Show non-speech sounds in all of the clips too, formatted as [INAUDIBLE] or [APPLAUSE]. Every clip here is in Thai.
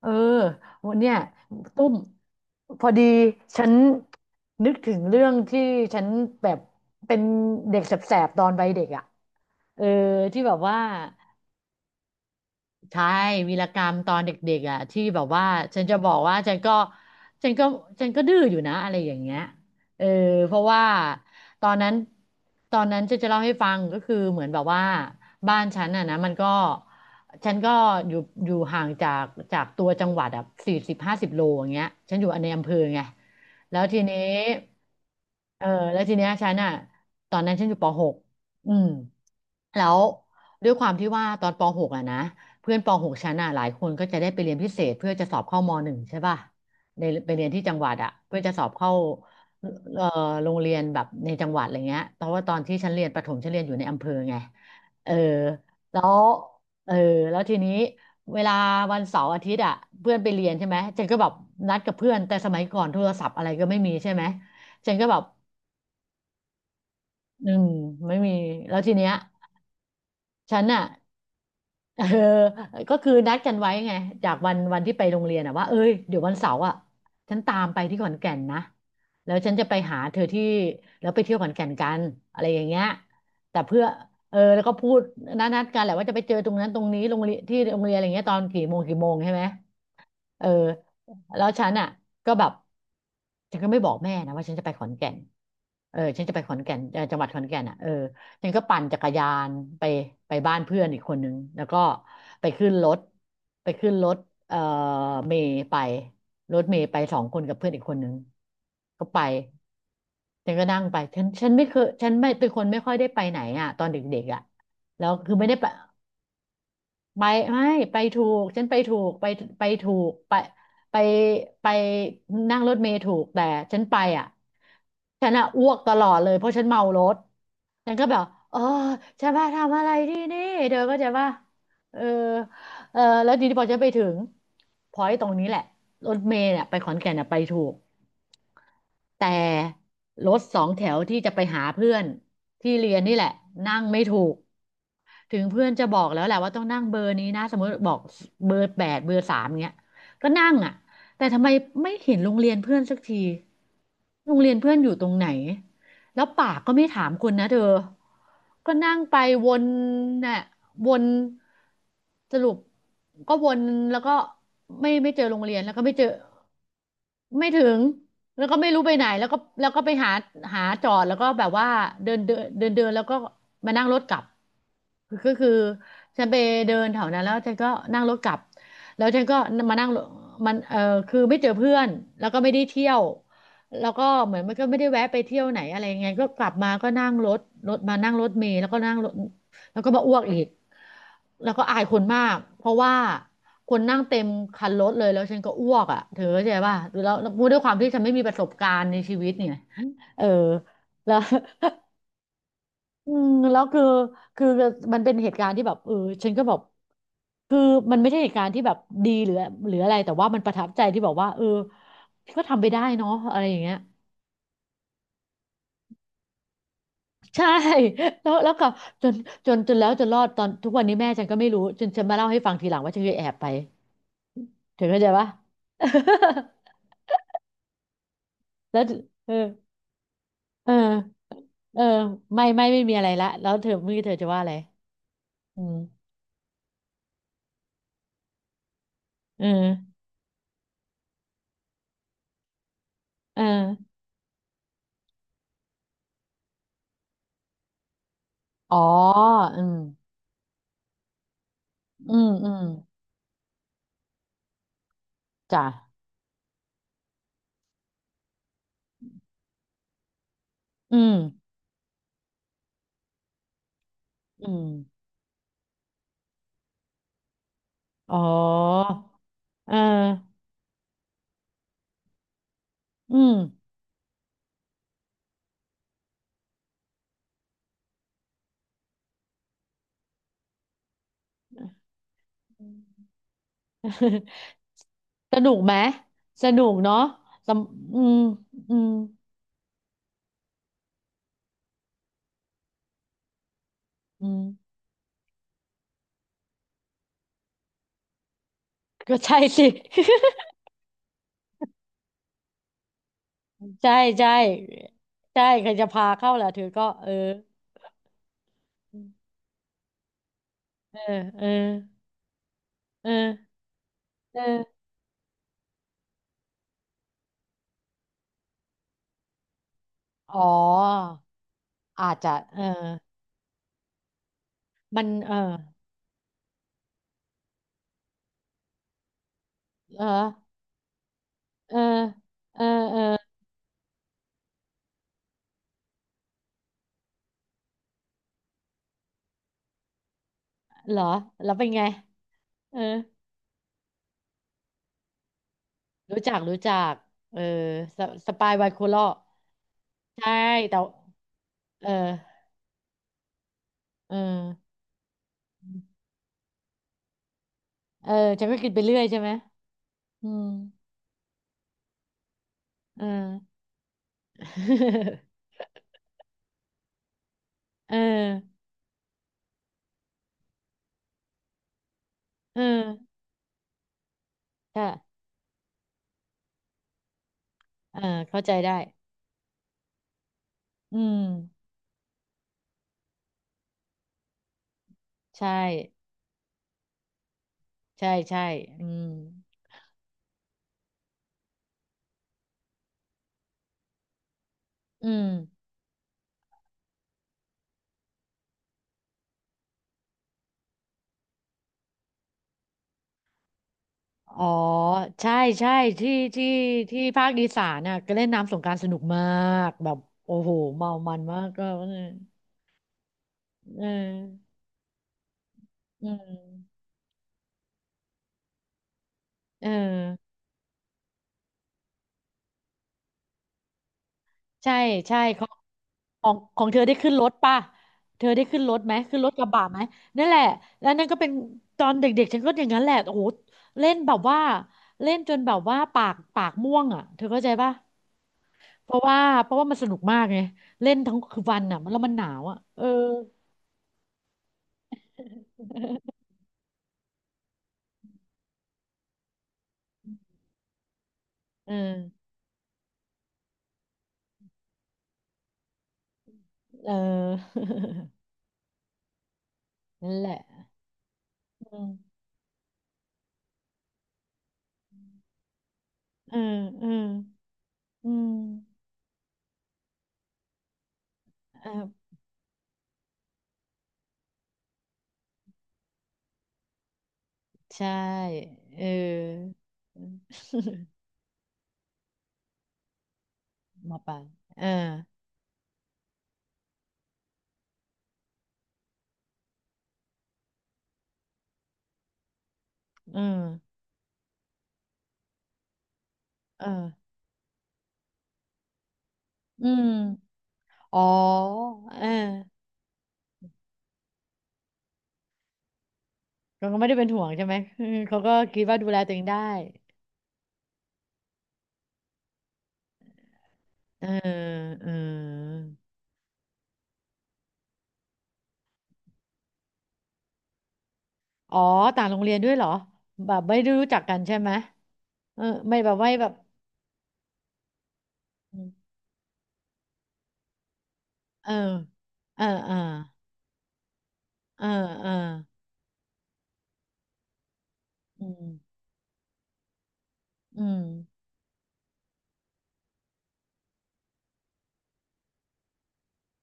เออวันเนี้ยตุ้มพอดีฉันนึกถึงเรื่องที่ฉันแบบเป็นเด็กแสบๆตอนวัยเด็กอ่ะเออที่แบบว่า ใช่วีรกรรมตอนเด็กๆอ่ะที่แบบว่าฉันจะบอกว่าฉันก็ฉันก็ฉันก็ดื้ออยู่นะอะไรอย่างเงี้ยเออเพราะว่าตอนนั้นตอนนั้นฉันจะเล่าให้ฟังก็คือเหมือนแบบว่าบ้านฉันอ่ะนะมันก็ฉันก็อยู่ห่างจากจากตัวจังหวัดอ่ะ40-50 โลอย่างเงี้ยฉันอยู่ในอำเภอไงแล้วทีนี้เออแล้วทีเนี้ยฉันอ่ะตอนนั้นฉันอยู่ปหกอืม แล้วด้วยความที่ว่าตอนป .6 อะนะเพื่อนป .6 ชั้นอ่ะหลายคนก็จะได้ไปเรียนพิเศษเพื่อจะสอบเข้าม.1ใช่ป่ะในไปเรียนที่จังหวัดอะเพื่อจะสอบเข้าเอ่อโรงเรียนแบบในจังหวัดอะไรเงี้ยเพราะว่าตอนที่ฉันเรียนประถมฉันเรียนอยู่ในอำเภอไงเออแล้วเออแล้วทีนี้เวลาวันเสาร์อาทิตย์อ่ะเพื่อนไปเรียนใช่ไหมฉันก็แบบนัดกับเพื่อนแต่สมัยก่อนโทรศัพท์อะไรก็ไม่มีใช่ไหมฉันก็แบบอืมไม่มีแล้วทีเนี้ยฉันน่ะ เออก็คือนัดกันไว้ไงจากวันวันที่ไปโรงเรียนอะว่าเอ้ยเดี๋ยววันเสาร์อะฉันตามไปที่ขอนแก่นนะแล้วฉันจะไปหาเธอที่แล้วไปเที่ยวขอนแก่นกันอะไรอย่างเงี้ยแต่เพื่อเออแล้วก็พูดนัดกันแหละว่าจะไปเจอตรงนั้นตรงนี้โรงเรียนที่โรงเรียนอะไรเงี้ยตอนกี่โมงกี่โมงใช่ไหม เออแล้วฉันอ่ะก็แบบฉันก็ไม่บอกแม่นะว่าฉันจะไปขอนแก่นเออฉันจะไปขอนแก่นจังหวัดขอนแก่นอ่ะเออฉันก็ปั่นจักรยานไปไปบ้านเพื่อนอีกคนนึงแล้วก็ไปขึ้นรถไปขึ้นรถเอ่อเมย์ไปรถเมย์ไปสองคนกับเพื่อนอีกคนนึงก็ไปฉันก็นั่งไปฉันไม่เคยฉันไม่เป็นคนไม่ค่อยได้ไปไหนอ่ะตอนเด็กๆอ่ะแล้วคือไม่ได้ไป ไปไม่ไปถูกฉันไปถูกไปไปถูกไปไปไปนั่งรถเมล์ถูกแต่ฉันไปอ่ะฉันอ่ะอ้วกตลอดเลยเพราะฉันเมารถฉันก็แบบเออฉันมาทำอะไรที่นี่เธอก็จะว่าใจปะเออเออแล้วทีนี้พอฉันไปถึงพอยตรงนี้แหละรถเมล์เนี่ยไปขอนแก่นเนี่ยไปถูก แต่รถสองแถวที่จะไปหาเพื่อนที่เรียนนี่แหละนั่งไม่ถูกถึงเพื่อนจะบอกแล้วแหละว่าต้องนั่งเบอร์นี้นะสมมติบอกเบอร์ 8เบอร์ 3เงี้ยก็นั่งอ่ะแต่ทำไมไม่เห็นโรงเรียนเพื่อนสักทีโรงเรียนเพื่อนอยู่ตรงไหน แล้วปากก็ไม่ถามคุณนะเธอก็นั่งไปวนน่ะวนสรุปก็วนแล้วก็ไม่เจอโรงเรียนแล้วก็ไม่เจอไม่ถึงแล้วก็ไม่รู้ไปไหนแล้วก็ไปหาหาจอดแล้วก็แบบว่าเดินเดินเดินเดินแล้วก็มานั่งรถกลับคือก็คือฉันไปเดินแถวนั้นแล้วฉันก็นั่งรถกลับแล้วฉันก็มานั่งรถมันเออคือไม่เจอเพื่อนแล้วก็ไม่ได้เที่ยว แล้วก็เหมือนมันก็ไม่ได้แวะไปเที่ยวไหนอะไรยังไงก็กลับมาก็นั่งรถรถมานั่งรถเมล์แล้วก็นั่งรถแล้วก็มาอ้วกอีกแล้วก็อายคนมากเพราะว่าคนนั่งเต็มคันรถเลยแล้วฉันก็อ้วกอ่ะเธอเข้าใจป่ะแล้วด้วยความที่ฉันไม่มีประสบการณ์ในชีวิตเนี่ยเออแล้ว [LAUGHS] อืมแล้วคือคือมันเป็นเหตุการณ์ที่แบบเออฉันก็แบบคือมันไม่ใช่เหตุการณ์ที่แบบดีหรือหรืออะไรแต่ว่ามันประทับใจที่บอกว่าเออก็ทำไปได้เนาะอะไรอย่างเงี้ย ใช่ [LAUGHS] แล้วแล้วก็จนจนแล้วจนรอดตอนทุกวันนี้แม่ฉันก็ไม่รู้จนฉันมาเล่าให้ฟังทีหลังว่าฉันเคยแอบไปเธอเข้าใจปะ [LAUGHS] แล้วเออเออเออไม่มีอะไรละแล้วเธอเมื่อกี้เธอจะว่าอะไรอืมเออเอออ๋ออืมอืมอืมจ้ะอืมอืมอ๋อเอออืม [LAUGHS] สนุกไหมสนุกเนาะสำอืมอืมอืม ก็ใช่สิ [LAUGHS] ใช่ใช่ใช่ใครจะพาเข้าล่ะเธอก็เออเออเออเออเอออ๋ออาจจะเออมันเออเออเออเออเออเหรอแล้วเป็นไงเออรู้จักรู้จักเออสสปายไวโคลอใช่แต่เออเออเออฉันก็กินไปเรื่อยใช่ไหมอืมเออ [LAUGHS] เออเออใช่ อ่าเข้าใจได้อืมใช่ใช่ใช่อืมอืมอ๋อใช่ใช่ที่ที่ที่ภาคอีสานน่ะก็เล่นน้ำสงกรานต์สนุกมากแบบโอ้โหเมามันมากก็เออเออเออใช่ใช่ของของของเธอได้ขึ้นรถป่ะเธอได้ขึ้นรถไหมขึ้นรถกระบะไหมนั่นแหละแล้วนั่นก็เป็นตอนเด็กๆฉันก็อย่างนั้นแหละโอ้โหเล่นแบบว่าเล่นจนแบบว่าปากปากม่วงอ่ะเธอเข้าใจป่ะ เพราะว่าเพราะว่ามันสนุกมากไงเล่นทั้งคืนวันอ่ะมันแล้วมันหนาวอ่ะเออ [LAUGHS] เออเออ [LAUGHS] นั่นแหละอืมเออเอออืมเออใช่เออ [LAUGHS] หมอปลาเออเออเอออืมอ๋อเออเขาก็ไม่ได้เป็นห่วงใช่ไหม [LAUGHS] เออเขาก็คิดว่าดูแลตัวเองได้เออเออ อ๋อต่างโรงเรียนด้วยเหรอแบบไม่ได้รู้จักกันใช่ไหมเออไม่แบบไม่แบบเออเออเออเออเอออืมอืม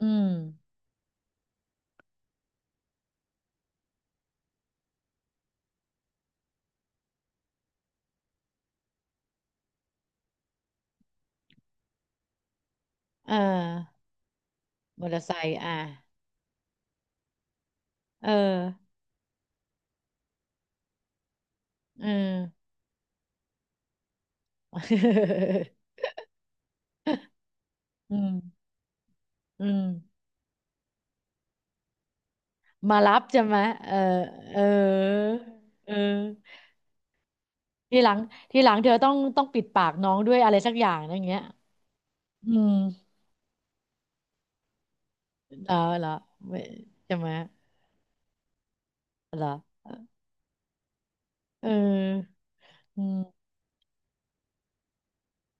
อืมเออมอเตอร์ไซค์อ่ะเออเออ [LAUGHS] อืมอืมมารับใช่ไหมเออเออเออทีหลังทีหลังเธอต้องปิดปากน้องด้วยอะไรสักอย่างนะอย่างเงี้ยอืมเหรอเหรอไม่ใช่ไหมเหรอเออ อืม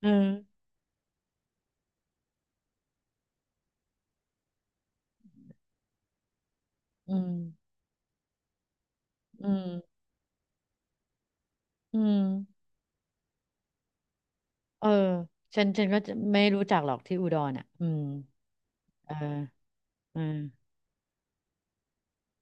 เอออืมอืมอืมเออฉันฉันก็จะไม่รู้จักหรอกที่อุดรอ่ะอืมเออเออ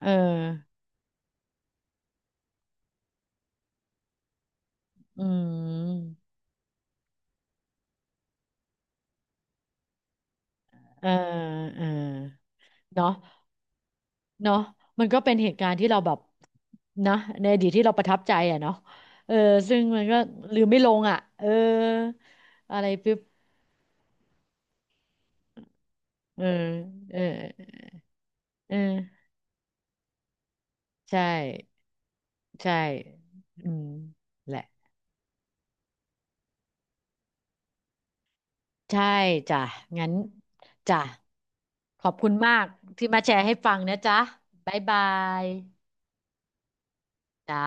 เอออืมเออเออเนาะเนาะมันก็เป็นเหตุการณ์ที่เราแบบนะในอดีตที่เราประทับใจอ่ะเนาะเออซึ่งมันก็ลืมไม่ลงอ่ะเอออะไรปึ๊บเออเออเออใช่ใช่อืมแหละใช่จ้ะงั้นจ้ะ ขอบคุณมากที่มาแชร์ให้ฟังนะจ๊ะบ๊ายบายจ้า